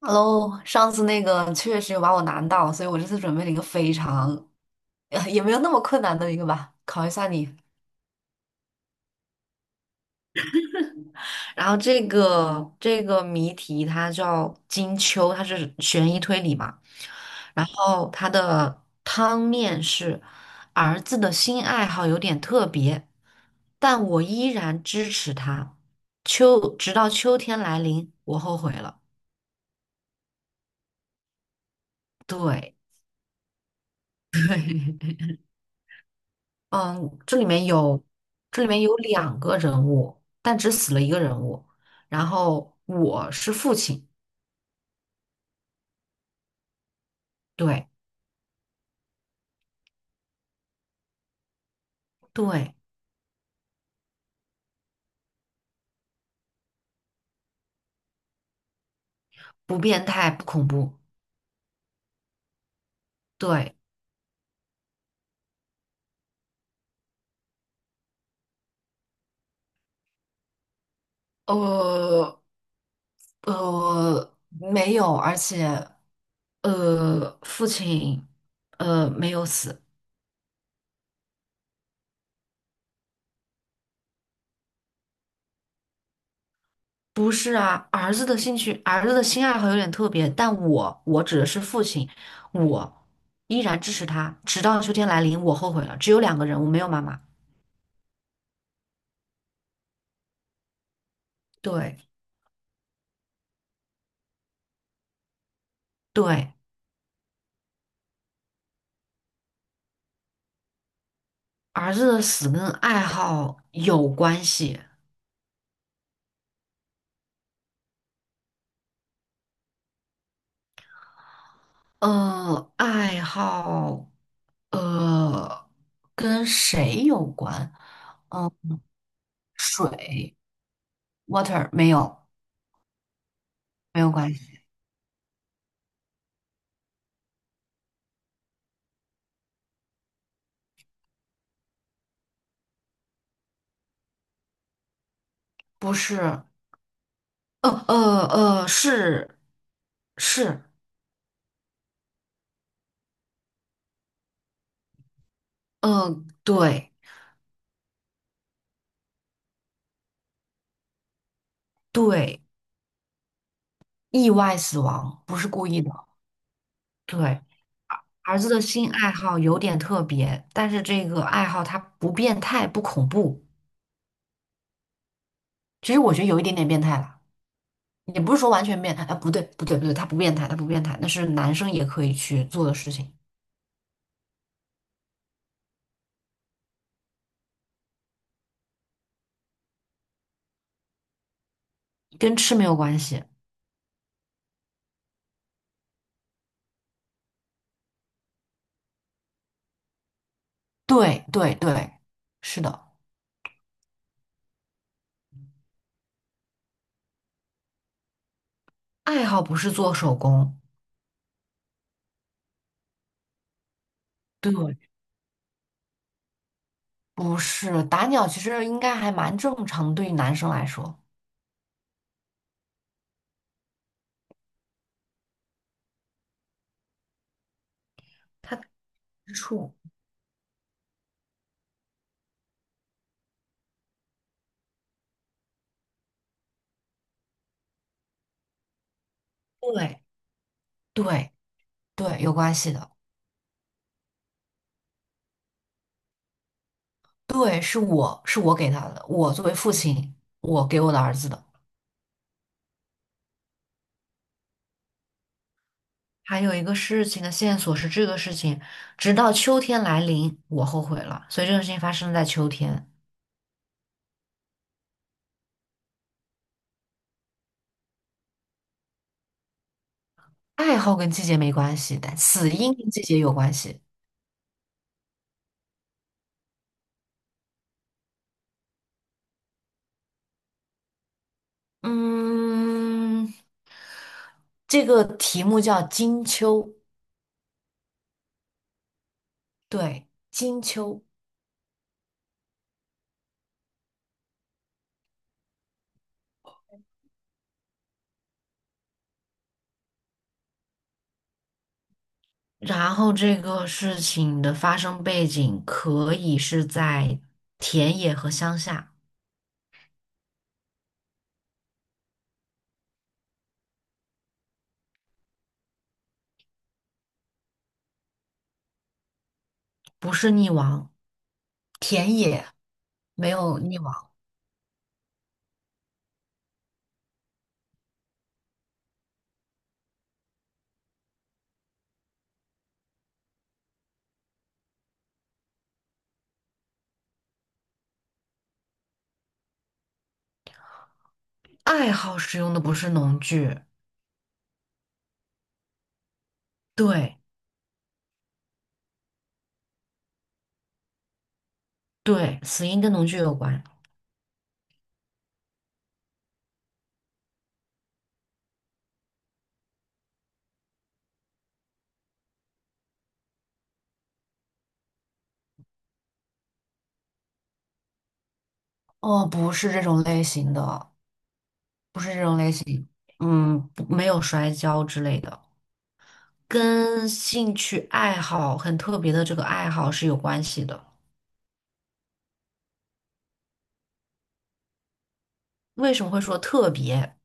Hello,上次那个确实有把我难到，所以我这次准备了一个非常，也没有那么困难的一个吧，考一下你。然后这个谜题它叫金秋，它是悬疑推理嘛。然后它的汤面是儿子的新爱好有点特别，但我依然支持他。秋，直到秋天来临，我后悔了。对。嗯，这里面有两个人物，但只死了一个人物。然后我是父亲，对对，不变态，不恐怖，对，呃，没有，而且父亲没有死，不是啊，儿子的兴趣，儿子的新爱好有点特别，但我指的是父亲，我依然支持他，直到秋天来临，我后悔了，只有两个人，物，没有妈妈，对。对，儿子的死跟爱好有关系。爱好，呃，跟谁有关？嗯、水，water 没有，没有关系。不是，是是，对对，意外死亡，不是故意的。对，儿子的新爱好有点特别，但是这个爱好它不变态，不恐怖。其实我觉得有一点点变态了。也不是说完全变态，哎，不对，不对，不对，他不变态，他不变态，那是男生也可以去做的事情，跟吃没有关系。对，对，对，是的，爱好不是做手工，对，不是打鸟，其实应该还蛮正常的，对于男生来说，他之处，对，对，对，有关系的，对，是我给他的，我作为父亲，我给我的儿子的。还有一个事情的线索是这个事情，直到秋天来临，我后悔了。所以这个事情发生在秋天。爱好跟季节没关系，但死因跟季节有关系。嗯，这个题目叫金秋，对，金秋。然后这个事情的发生背景可以是在田野和乡下，不是溺亡，田野没有溺亡。爱好使用的不是农具，对。对，死因跟农具有关，哦，不是这种类型的，不是这种类型。嗯，不没有摔跤之类的，跟兴趣爱好很特别的这个爱好是有关系的。为什么会说特别？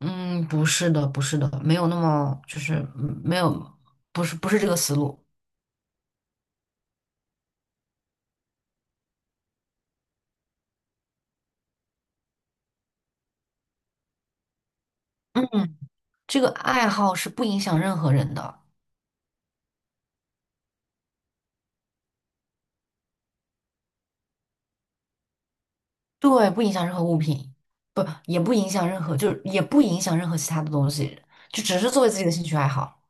嗯，不是的，不是的，没有那么就是没有，不是这个思路。嗯，这个爱好是不影响任何人的，对，不影响任何物品，不，也不影响任何，就是也不影响任何其他的东西，就只是作为自己的兴趣爱好。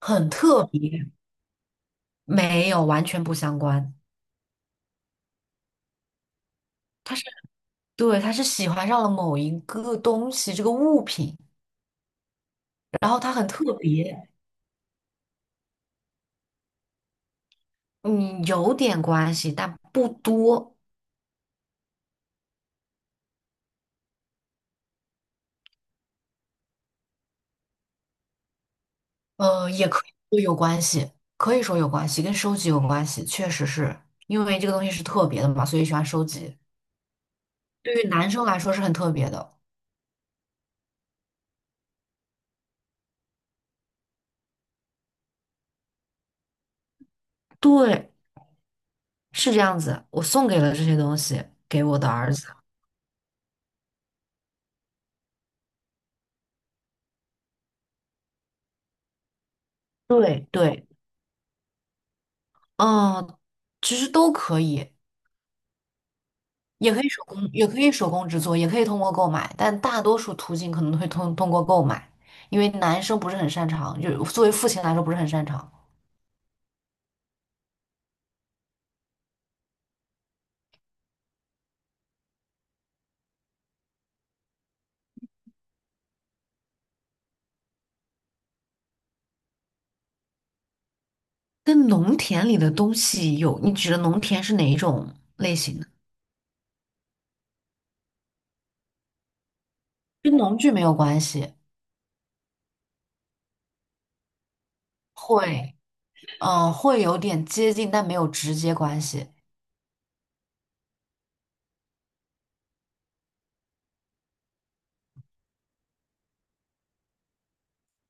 很特别，没有，完全不相关。他是，对，他是喜欢上了某一个东西，这个物品，然后他很特别，嗯，有点关系，但不多，也可以说有关系，可以说有关系，跟收集有关系，确实是因为这个东西是特别的嘛，所以喜欢收集。对于男生来说是很特别的，对，是这样子。我送给了这些东西给我的儿子，对对，嗯，其实都可以。也可以手工，也可以手工制作，也可以通过购买，但大多数途径可能会通过购买，因为男生不是很擅长，就是作为父亲来说不是很擅长。跟农田里的东西有，你指的农田是哪一种类型的？跟农具没有关系，会，嗯、会有点接近，但没有直接关系，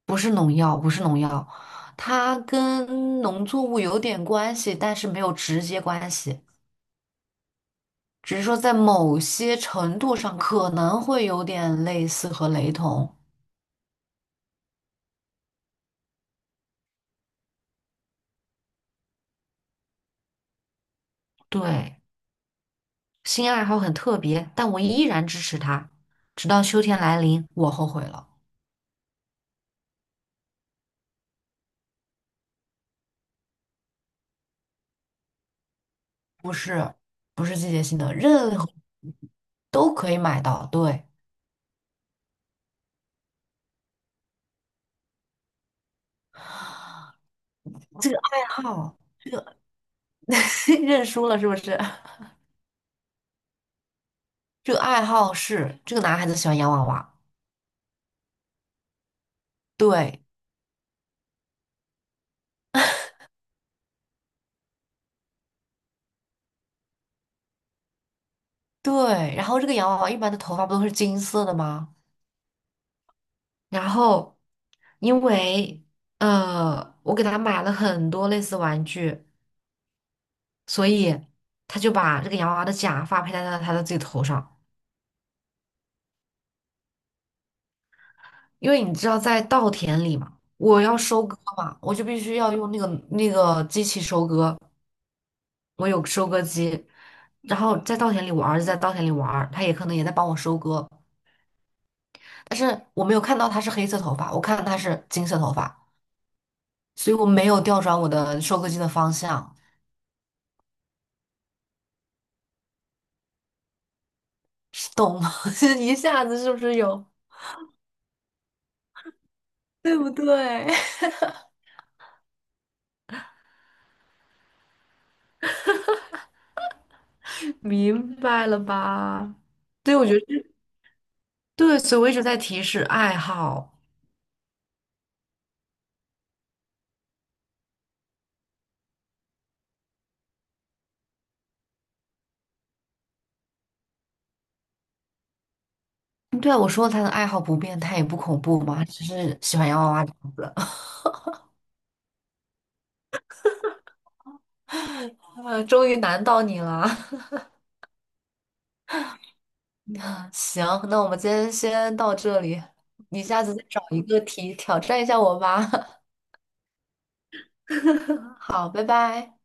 不是农药，不是农药，它跟农作物有点关系，但是没有直接关系。只是说在某些程度上可能会有点类似和雷同。对，新爱好很特别，但我依然支持他。直到秋天来临，我后悔了。不是，不是季节性的，任何都可以买到。对，这个爱好，这个 认输了是不是？这个爱好是这个男孩子喜欢洋娃娃，对对。然后这个洋娃娃一般的头发不都是金色的吗？然后因为我给他买了很多类似玩具，所以他就把这个洋娃娃的假发佩戴在他的自己头上。因为你知道，在稻田里嘛，我要收割嘛，我就必须要用那个机器收割，我有收割机。然后在稻田里，我儿子在稻田里玩儿他也可能也在帮我收割，但是我没有看到他是黑色头发，我看到他是金色头发，所以我没有调转我的收割机的方向。懂吗？就是一下子是不是有 对不对？明白了吧？对，我觉得这对，所以我一直在提示爱好。对啊，我说他的爱好不变他也不恐怖嘛，只是喜欢洋娃娃这样子。啊，终于难到你了。行，那我们今天先到这里，你下次再找一个题挑战一下我吧。好，拜拜。